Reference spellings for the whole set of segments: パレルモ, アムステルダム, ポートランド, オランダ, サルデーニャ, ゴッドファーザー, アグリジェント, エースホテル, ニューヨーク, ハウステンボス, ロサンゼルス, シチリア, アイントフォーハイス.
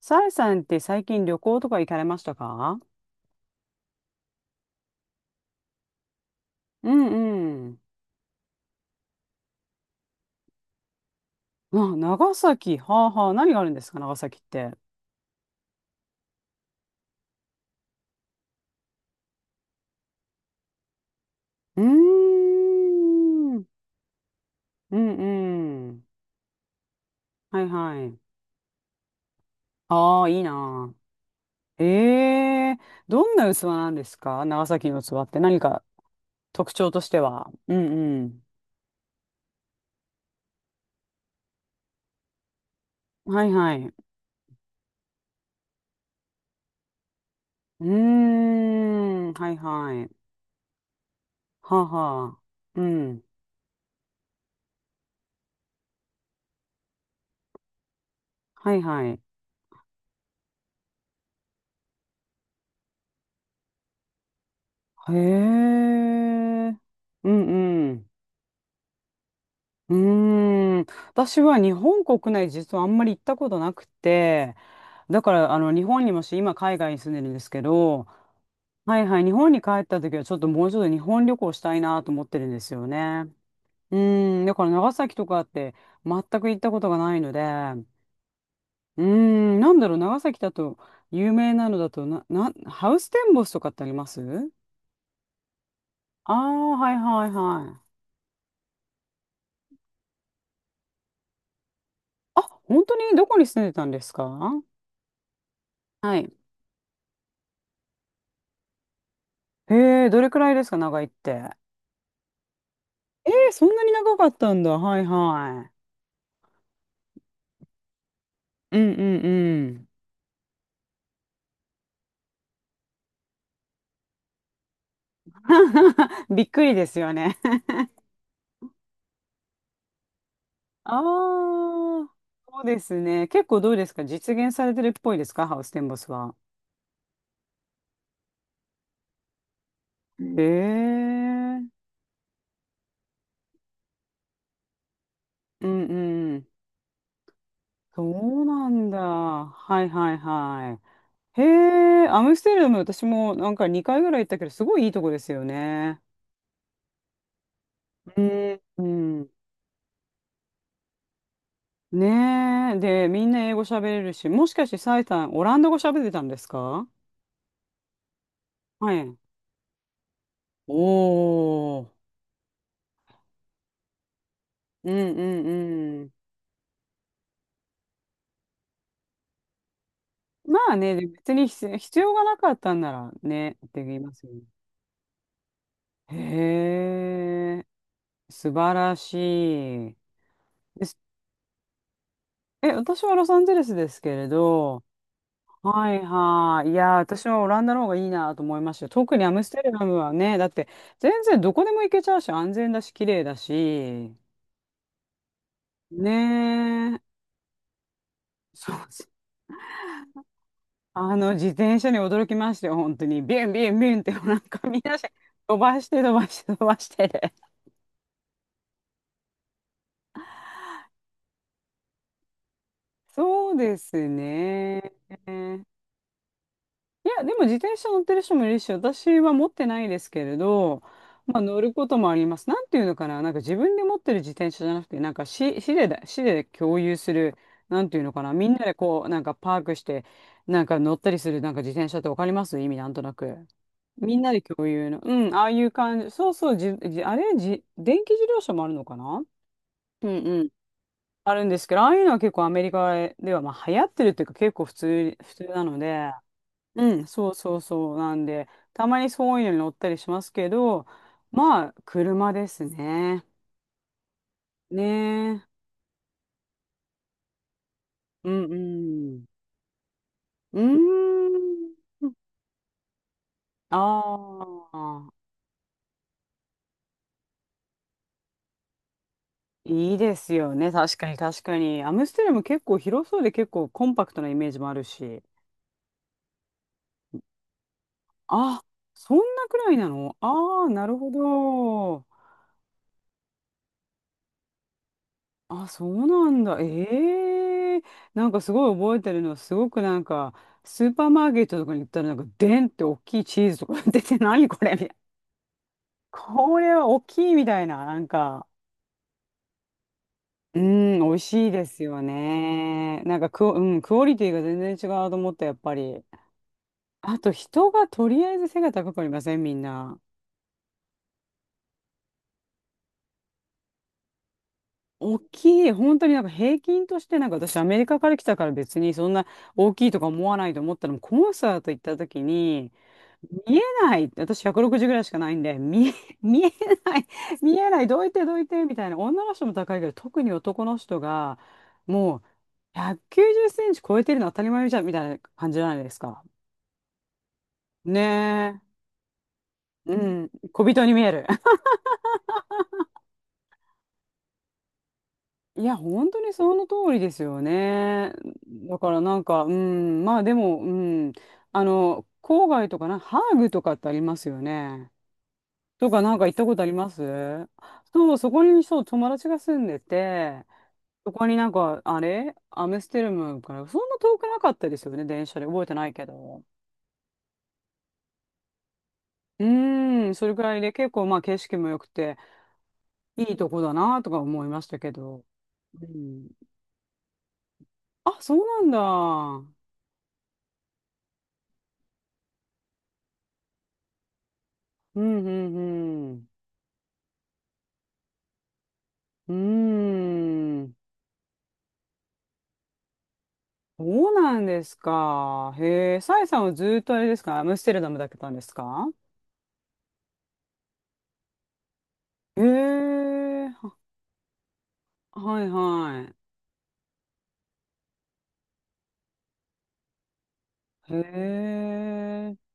さえさんって最近旅行とか行かれましたか？うんうん。あ、長崎。はあはあ。何があるんですか、長崎って。うーん。うんうん。はいはい。ああ、いいなあ。ええ、どんな器なんですか、長崎の器って。何か特徴としては。うんうん。はいはい。うーん。はいはい。はあはあ。うん。はいはい。へえ。うんうん。うーん、私は日本国内実はあんまり行ったことなくて、だからあの、日本にもし今海外に住んでるんですけど、はいはい、日本に帰った時はちょっともうちょっと日本旅行したいなと思ってるんですよね。うーん、だから長崎とかって全く行ったことがないので、うーん、なんだろう、長崎だと有名なのだとハウステンボスとかってありますああー、はいはいはい。あ、本当に、どこに住んでたんですか？はい。へえ、どれくらいですか、長いって。えー、そんなに長かったんだ。はいはい。うんうんうん。びっくりですよね。ああ、そうですね。結構どうですか、実現されてるっぽいですか、ハウステンボスは。うんへえ。うんうん。そうなんだ。はいはいはい。へえ、アムステルダム、私もなんか2回ぐらい行ったけど、すごいいいとこですよね。うんうん。ねえ。で、みんな英語喋れるし、もしかしてサイさん、オランダ語喋ってたんですか？はい。おお、うんうんうん。まあね、でも別に必要がなかったんならね、って言いますよね。へえ、素晴らしい。です。え、私はロサンゼルスですけれど、はいはい。いやー、私はオランダの方がいいなと思いましたよ。特にアムステルダムはね、だって全然どこでも行けちゃうし、安全だし、綺麗だし、ねえ、そう、あの自転車に驚きましたよ、本当に。ビュンビュンビュンって、なんかみんなして飛ばして飛ばして飛ばしてで。そうですね。いや、でも自転車乗ってる人もいるし、私は持ってないですけれど、まあ乗ることもあります。なんていうのかな、なんか自分で持ってる自転車じゃなくて、なんか市で共有する、なんていうのかな、みんなでこう、なんかパークして、なんか乗ったりする、なんか自転車って、わかります意味なんとなく。みんなで共有の。うん、ああいう感じ。そうそう、じ、じ、あれ、じ、電気自動車もあるのかな？うんうん。あるんですけど、ああいうのは結構アメリカでは、まあ、流行ってるっていうか結構普通なので、うん、そうそうそう。なんで、たまにそういうのに乗ったりしますけど、まあ、車ですね。ねえ。うんうん。うーん。ああ。いいですよね。確かに確かに。アムステルも結構広そうで結構コンパクトなイメージもあるし。あ、そんなくらいなの、ああー、なるほど。あ、そうなんだ。ええ、なんかすごい覚えてるのは、すごくなんか、スーパーマーケットとかに行ったら、なんか、でんって大きいチーズとか出て、何これみたいな。これは大きいみたいな、なんか、うん、美味しいですよね。なんかクオリティが全然違うと思った、やっぱり。あと、人がとりあえず背が高くありません、みんな。大きい、本当になんか平均として、なんか私アメリカから来たから別にそんな大きいとか思わないと思ったの、コンサート行った時に見えない、私160ぐらいしかないんで、見えない、見えない、どいてどいてみたいな。女の人も高いけど特に男の人がもう190cm超えてるの当たり前じゃんみたいな感じじゃないですか。ねえ。うん、小人に見える。いや、本当にその通りですよね。だからなんか、うん、まあでも、うん、あの、郊外とかな、ハーグとかってありますよね。とかなんか行ったことあります？そう、そこにそう、友達が住んでて、そこになんか、あれアムステルムから、そんな遠くなかったですよね、電車で。覚えてないけど。うーん、それくらいで結構まあ景色も良くて、いいとこだなとか思いましたけど。うん。あ、そうなんだ。うん、うん、うん。うーん。そうなんですか。へえ、サイさんはずっとあれですか、アムステルダムだけたんですか？へえ、ははいはい。へえ、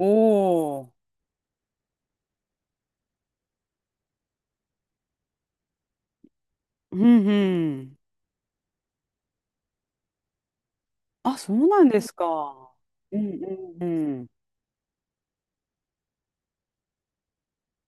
おー。うんうん。あ、そうなんですか。うんうんうん。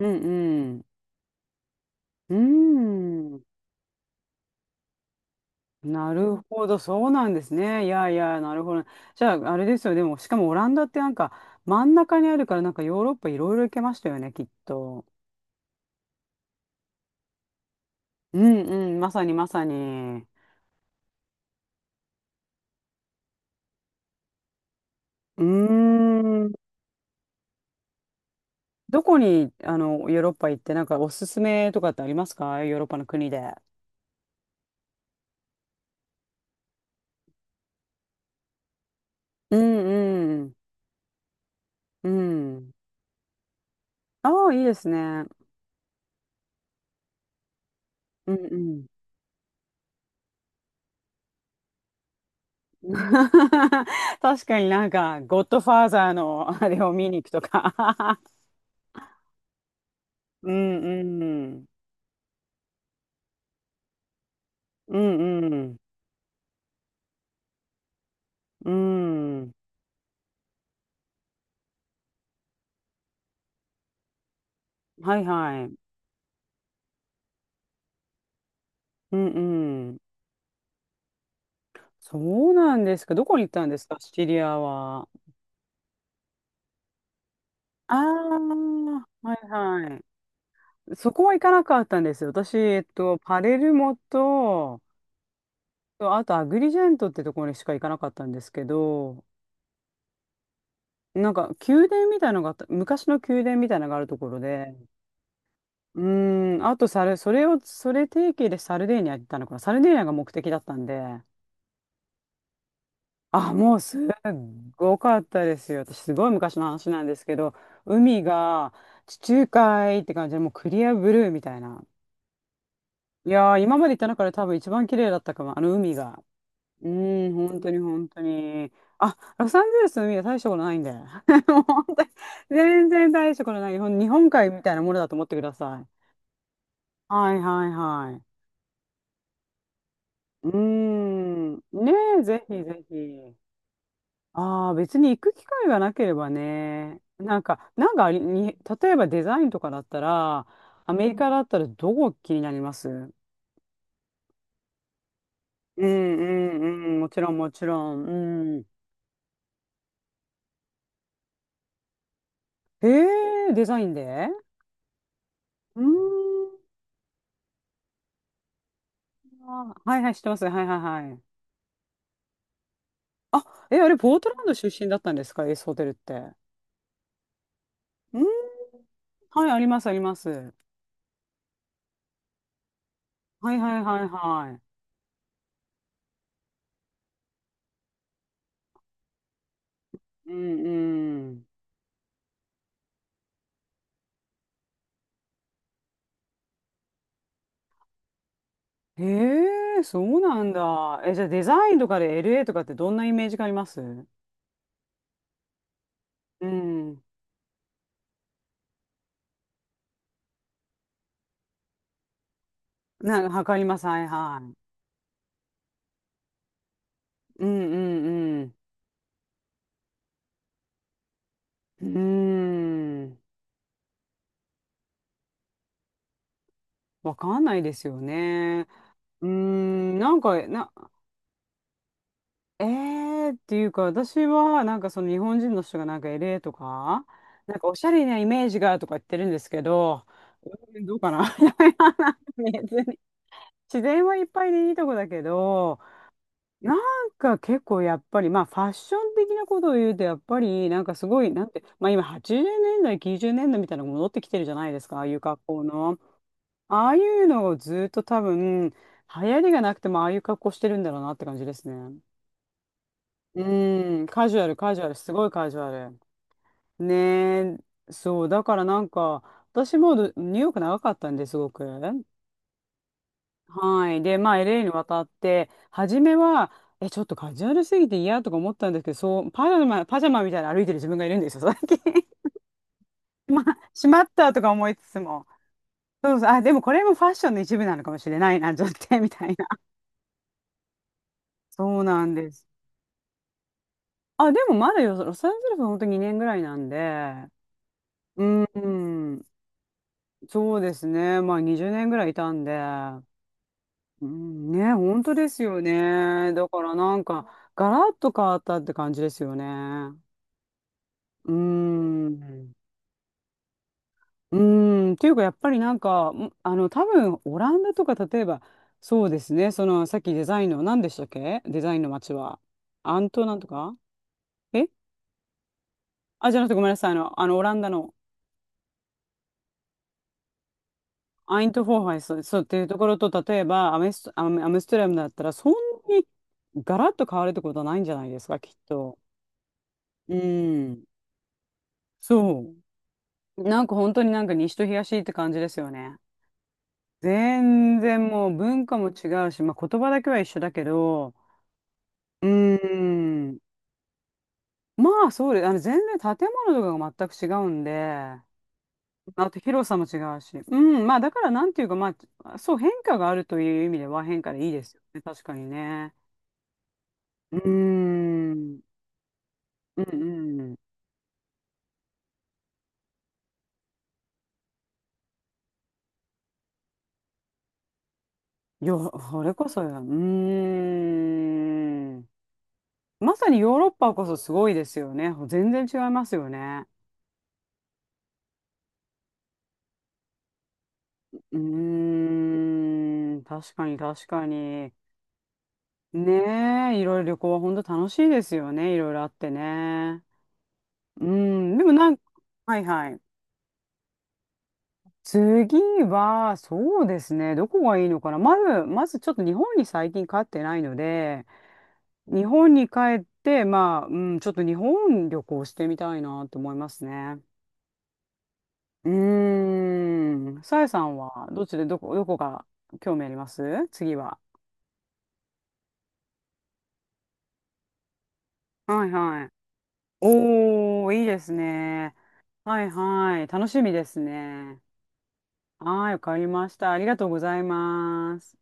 うんうん。うん。なるほど、そうなんですね。いやいや、なるほど。じゃあ、あれですよ。でも、しかもオランダってなんか真ん中にあるから、なんかヨーロッパいろいろ行けましたよね、きっと。うんうん、まさにまさに。うーん。どこに、あの、ヨーロッパ行って、なんかおすすめとかってありますか、ヨーロッパの国で。うんうん。うん。ああ、いいですね。うんうん。確かになんか、ゴッドファーザーのあれを見に行くとか。うんうん。うんうん。うん。はいはい。うんうん。そうなんですか。どこに行ったんですか、シチリアは。ああ、はいはい。そこは行かなかったんですよ。私、えっと、パレルモと、あとアグリジェントってところにしか行かなかったんですけど、なんか宮殿みたいなのがあった、昔の宮殿みたいなのがあるところで、うーん、あとサル、それを、それ提携でサルデーニャ行ったのかな。サルデーニャが目的だったんで、あ、もうすっごかったですよ。私、すごい昔の話なんですけど、海が地中海って感じで、もうクリアブルーみたいな。いやー、今まで行った中で多分一番綺麗だったかも、あの海が。うーん、本当に本当に。あ、ロサンゼルスの海は大したことないんで。もう本当に、全然大したことない。日本海みたいなものだと思ってください。はいはいはい。うーん。ねえ、ぜひぜひ。ああ、別に行く機会がなければね。なんか、なんかあり、に、例えばデザインとかだったら、アメリカだったらどこ気になります？うんうんうん、もちろんもちろん。うん。ええ、デザインで。うーん。あー、はいはい、知ってます。はいはいはい。あ、え、あれ、ポートランド出身だったんですか、エースホテルって。うん、はい、あります、あります。はいはいはいはい。うんうん。へえ、そうなんだ。え、じゃあデザインとかで LA とかってどんなイメージがあります？うん。なんか、わかります。はいはい。うんうんうん。うーん。わかんないですよね。うーん。なんか、な、えーっていうか、私は、なんかその日本人の人がなんか l ーとか、なんかおしゃれなイメージがとか言ってるんですけど、うんどうかな。 いやいや、なんか別に自然はいっぱいでいいとこだけど、なんか結構やっぱり、まあファッション的なことを言うと、やっぱりなんかすごい、なんて、まあ今80年代、90年代みたいなのが戻ってきてるじゃないですか、ああいう格好の。ああいうのをずっと多分、流行りがなくてもああいう格好してるんだろうなって感じですね。うん、カジュアル、カジュアル、すごいカジュアル。ねえ、そう、だからなんか、私もどニューヨーク長かったんですごく。はい。で、まあ、LA に渡って、初めは、え、ちょっとカジュアルすぎて嫌とか思ったんですけど、そう、パジャマ、パジャマみたいに歩いてる自分がいるんですよ、最近。しまったとか思いつつも。そうそう、あ、でもこれもファッションの一部なのかもしれないな、ちょっとね、みたいな。そうなんです。あ、でもまだよ、ロサンゼルスは本当に2年ぐらいなんで、うん。そうですね。まあ20年ぐらいいたんで、うん、ね、本当ですよね。だからなんか、ガラッと変わったって感じですよね。うーん。うーん。っていうか、やっぱりなんか、多分、オランダとか、例えば、そうですね。その、さっきデザインの、何でしたっけ、デザインの街は。アントなんとかえあ、じゃなくてごめんなさい。あの、オランダの。アイントフォーハイス、そうっていうところと、例えばアメス、アメ、アムステルダムだったら、そんなにガラッと変わるってことはないんじゃないですか、きっと。うん。そう。なんか本当になんか西と東って感じですよね。全然もう文化も違うし、まあ、言葉だけは一緒だけど、うーん。まあそうです。あの全然建物とかが全く違うんで、あと広さも違うし。うん。まあだからなんていうか、まあ、そう、変化があるという意味では変化でいいですよね。確かにね。うーん。うんうん。よ、それこそや。うーん。まさにヨーロッパこそすごいですよね。全然違いますよね。うーん。確かに確かに。ねえ、いろいろ旅行は本当楽しいですよね。いろいろあってね。うん。でもなんか、はいはい。次は、そうですね。どこがいいのかな。まずちょっと日本に最近帰ってないので、日本に帰って、まあ、うん、ちょっと日本旅行してみたいなと思いますね。うーん。さえさんは、どっちで、どこ、どこが興味あります、次は。はいはい。おー、いいですね。はいはい。楽しみですね。はい、わかりました。ありがとうございます。